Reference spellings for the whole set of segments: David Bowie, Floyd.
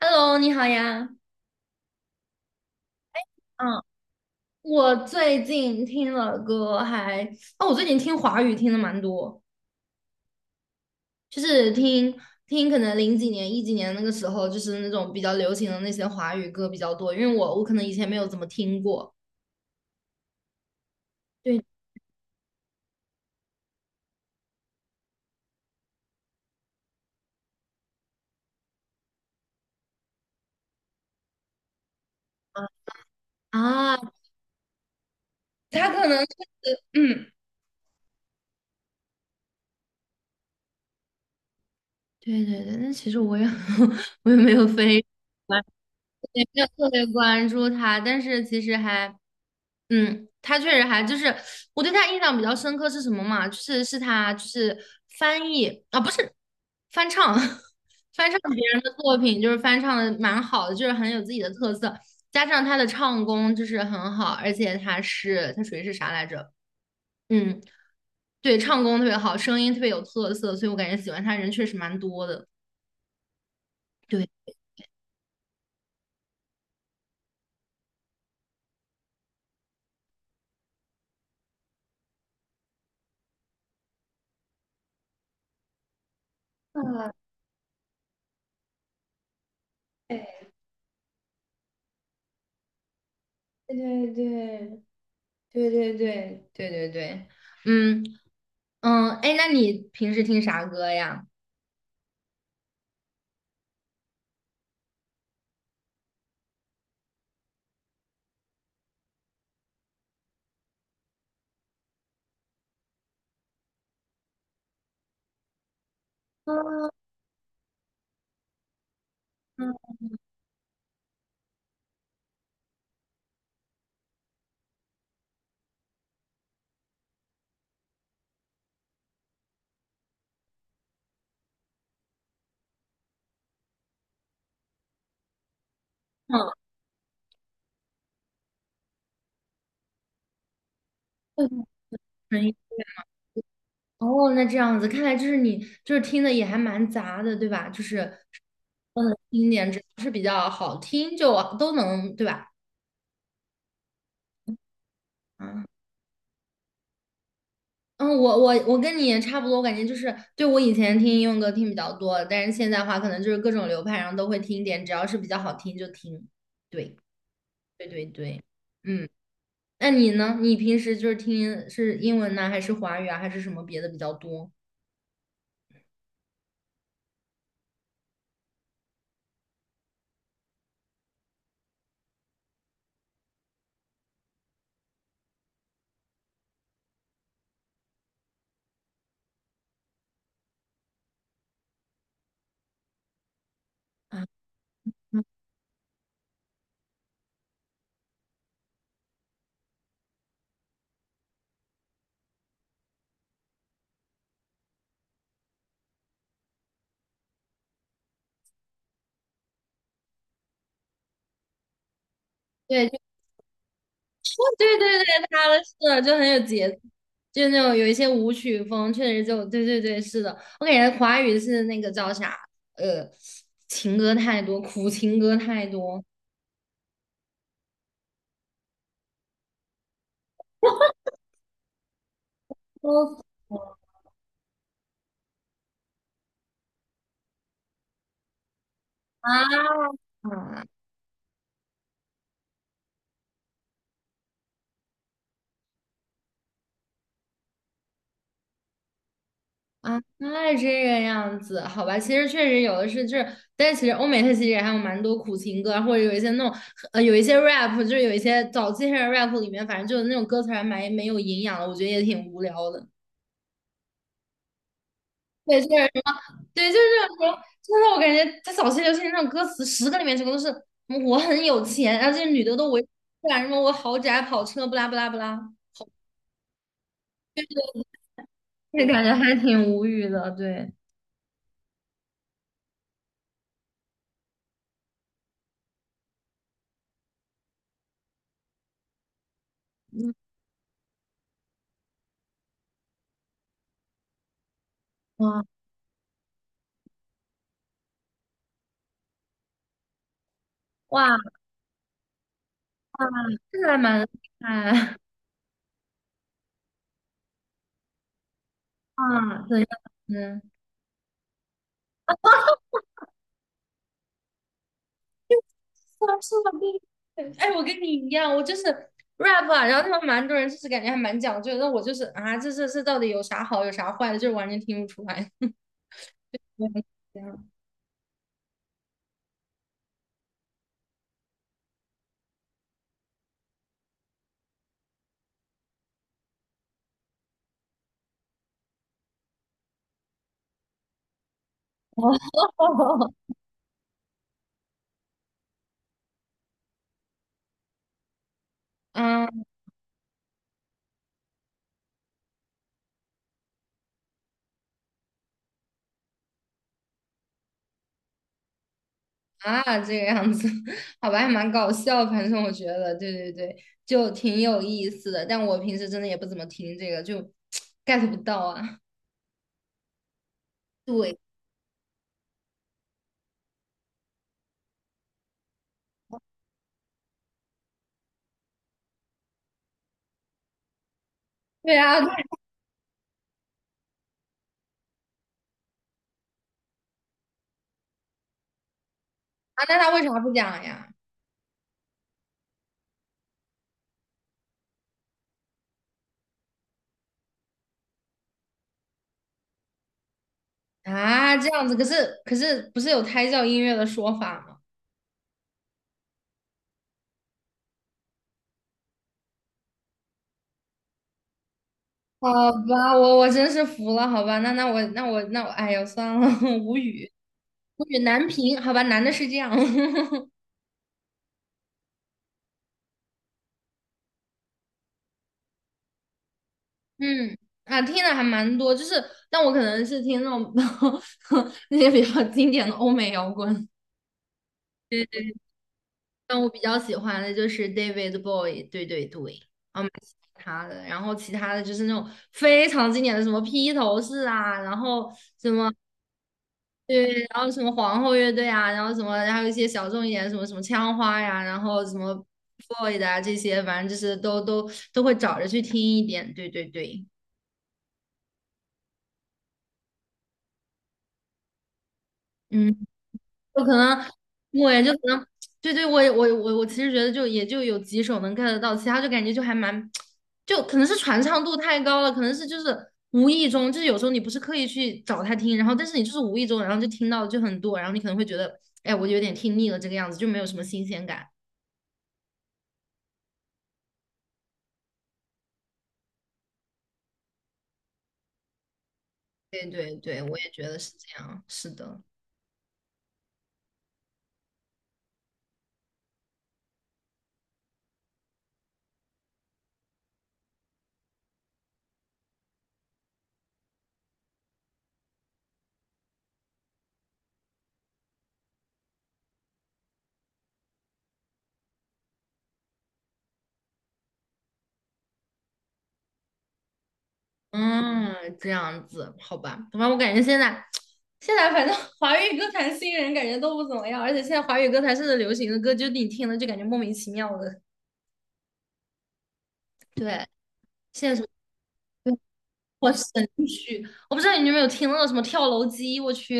Hello，你好呀。嗯，我最近听了歌还，哦，我最近听华语听的蛮多，就是听可能零几年、一几年那个时候，就是那种比较流行的那些华语歌比较多，因为我可能以前没有怎么听过。对啊，他可能是嗯，对对对，但其实我也 我也没有非。也没有特别关注他，但是其实还，他确实还就是我对他印象比较深刻是什么嘛？就是是他就是翻译啊，不是翻唱，翻唱别人的作品，就是翻唱的蛮好的，就是很有自己的特色，加上他的唱功就是很好，而且他是他属于是啥来着？嗯，对，唱功特别好，声音特别有特色，所以我感觉喜欢他人确实蛮多的。对。哎对，对对对对对对对对。嗯嗯，哎，那你平时听啥歌呀？嗯嗯，纯音哦，那这样子，看来就是你就是听的也还蛮杂的，对吧？就是听点只要是比较好听就都能，对吧？嗯嗯，我跟你也差不多，我感觉就是对我以前听英文歌听比较多，但是现在的话可能就是各种流派，然后都会听一点，只要是比较好听就听。对对对对，嗯，那你呢？你平时就是听是英文呢，还是华语啊，还是什么别的比较多？啊？对，对对对，他的是的，就很有节奏，就那种有一些舞曲风，确实就对对对，是的。我感觉华语是那个叫啥，呃，情歌太多，苦情歌太多。都啊啊，那这个样子，好吧，其实确实有的是，就是，但其实欧美它其实也还有蛮多苦情歌啊，或者有一些那种，有一些 rap,就是有一些早期的 rap 里面，反正就是那种歌词还蛮没有营养的，我觉得也挺无聊的。对，就是对，就是那种，真的，我感觉他早期流行那种歌词，十个里面九个都是嗯我很有钱，然后这些女的都围不然什么我豪宅、跑车，不拉不拉不拉，那感觉还挺无语的。对，哇哇哇，这个还蛮厉害 啊！怎样？嗯，是啊是啊，对。哎，我跟你一样，我就是 rap 啊，然后他们蛮多人就是感觉还蛮讲究的，那我就是啊，这到底有啥好，有啥坏的，就是完全听不出来。对这样。哦，啊，这个样子，好吧，还蛮搞笑。反正我觉得，对对对，就挺有意思的。但我平时真的也不怎么听这个，就 get 不到啊。对，对啊，对啊，那他为啥不讲呀？啊，这样子，可是不是有胎教音乐的说法吗？好吧，我真是服了，好吧，那我，哎呀，算了，无语，无语难平，好吧，男的是这样。嗯，啊，听的还蛮多，就是，但我可能是听那种 那些比较经典的欧美摇滚。对。但我比较喜欢的就是 David Bowie,对对对，啊，蛮喜欢他的。然后其他的就是那种非常经典的，什么披头士啊，然后什么对，然后什么皇后乐队啊，然后什么，还有一些小众一点，什么什么枪花呀，然后什么 Floyd 啊这些，反正就是都会找着去听一点。对对对，嗯。就可能我也就可能对对，我其实觉得就也就有几首能 get 得到，其他就感觉就还蛮，就可能是传唱度太高了，可能是就是无意中，就是有时候你不是刻意去找他听，然后但是你就是无意中，然后就听到就很多，然后你可能会觉得，哎，我有点听腻了这个样子，就没有什么新鲜感。对对对，我也觉得是这样，是的。嗯，这样子，好吧，反正我感觉现在，现在反正 华语歌坛新人感觉都不怎么样，而且现在华语歌坛现在流行的歌，就你听了就感觉莫名其妙的。对，现在什么我神曲，我不知道你有没有听那种什么跳楼机，我去，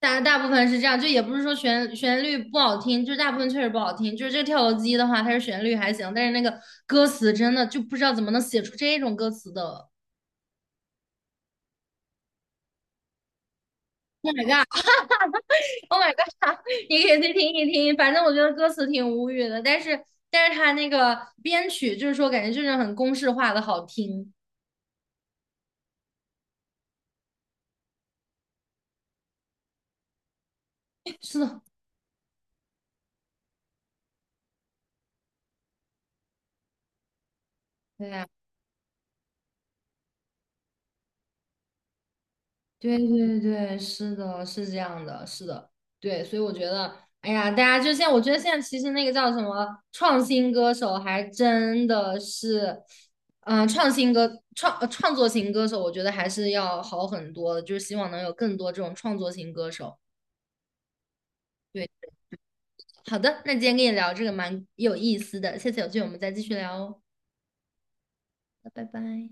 大部分是这样，就也不是说旋律不好听，就是大部分确实不好听，就是这个跳楼机的话，它是旋律还行，但是那个歌词真的就不知道怎么能写出这种歌词的。Oh my god!你可以去听一听，反正我觉得歌词挺无语的，但是他那个编曲就是说，感觉就是很公式化的好听。是的，对呀，对对对，是的，是这样的，是的，对，所以我觉得，哎呀，大家就现在，我觉得现在其实那个叫什么创新歌手，还真的是，创作型歌手，我觉得还是要好很多的，就是希望能有更多这种创作型歌手。对。好的，那今天跟你聊这个蛮有意思的，下次有机会我们再继续聊哦，拜拜。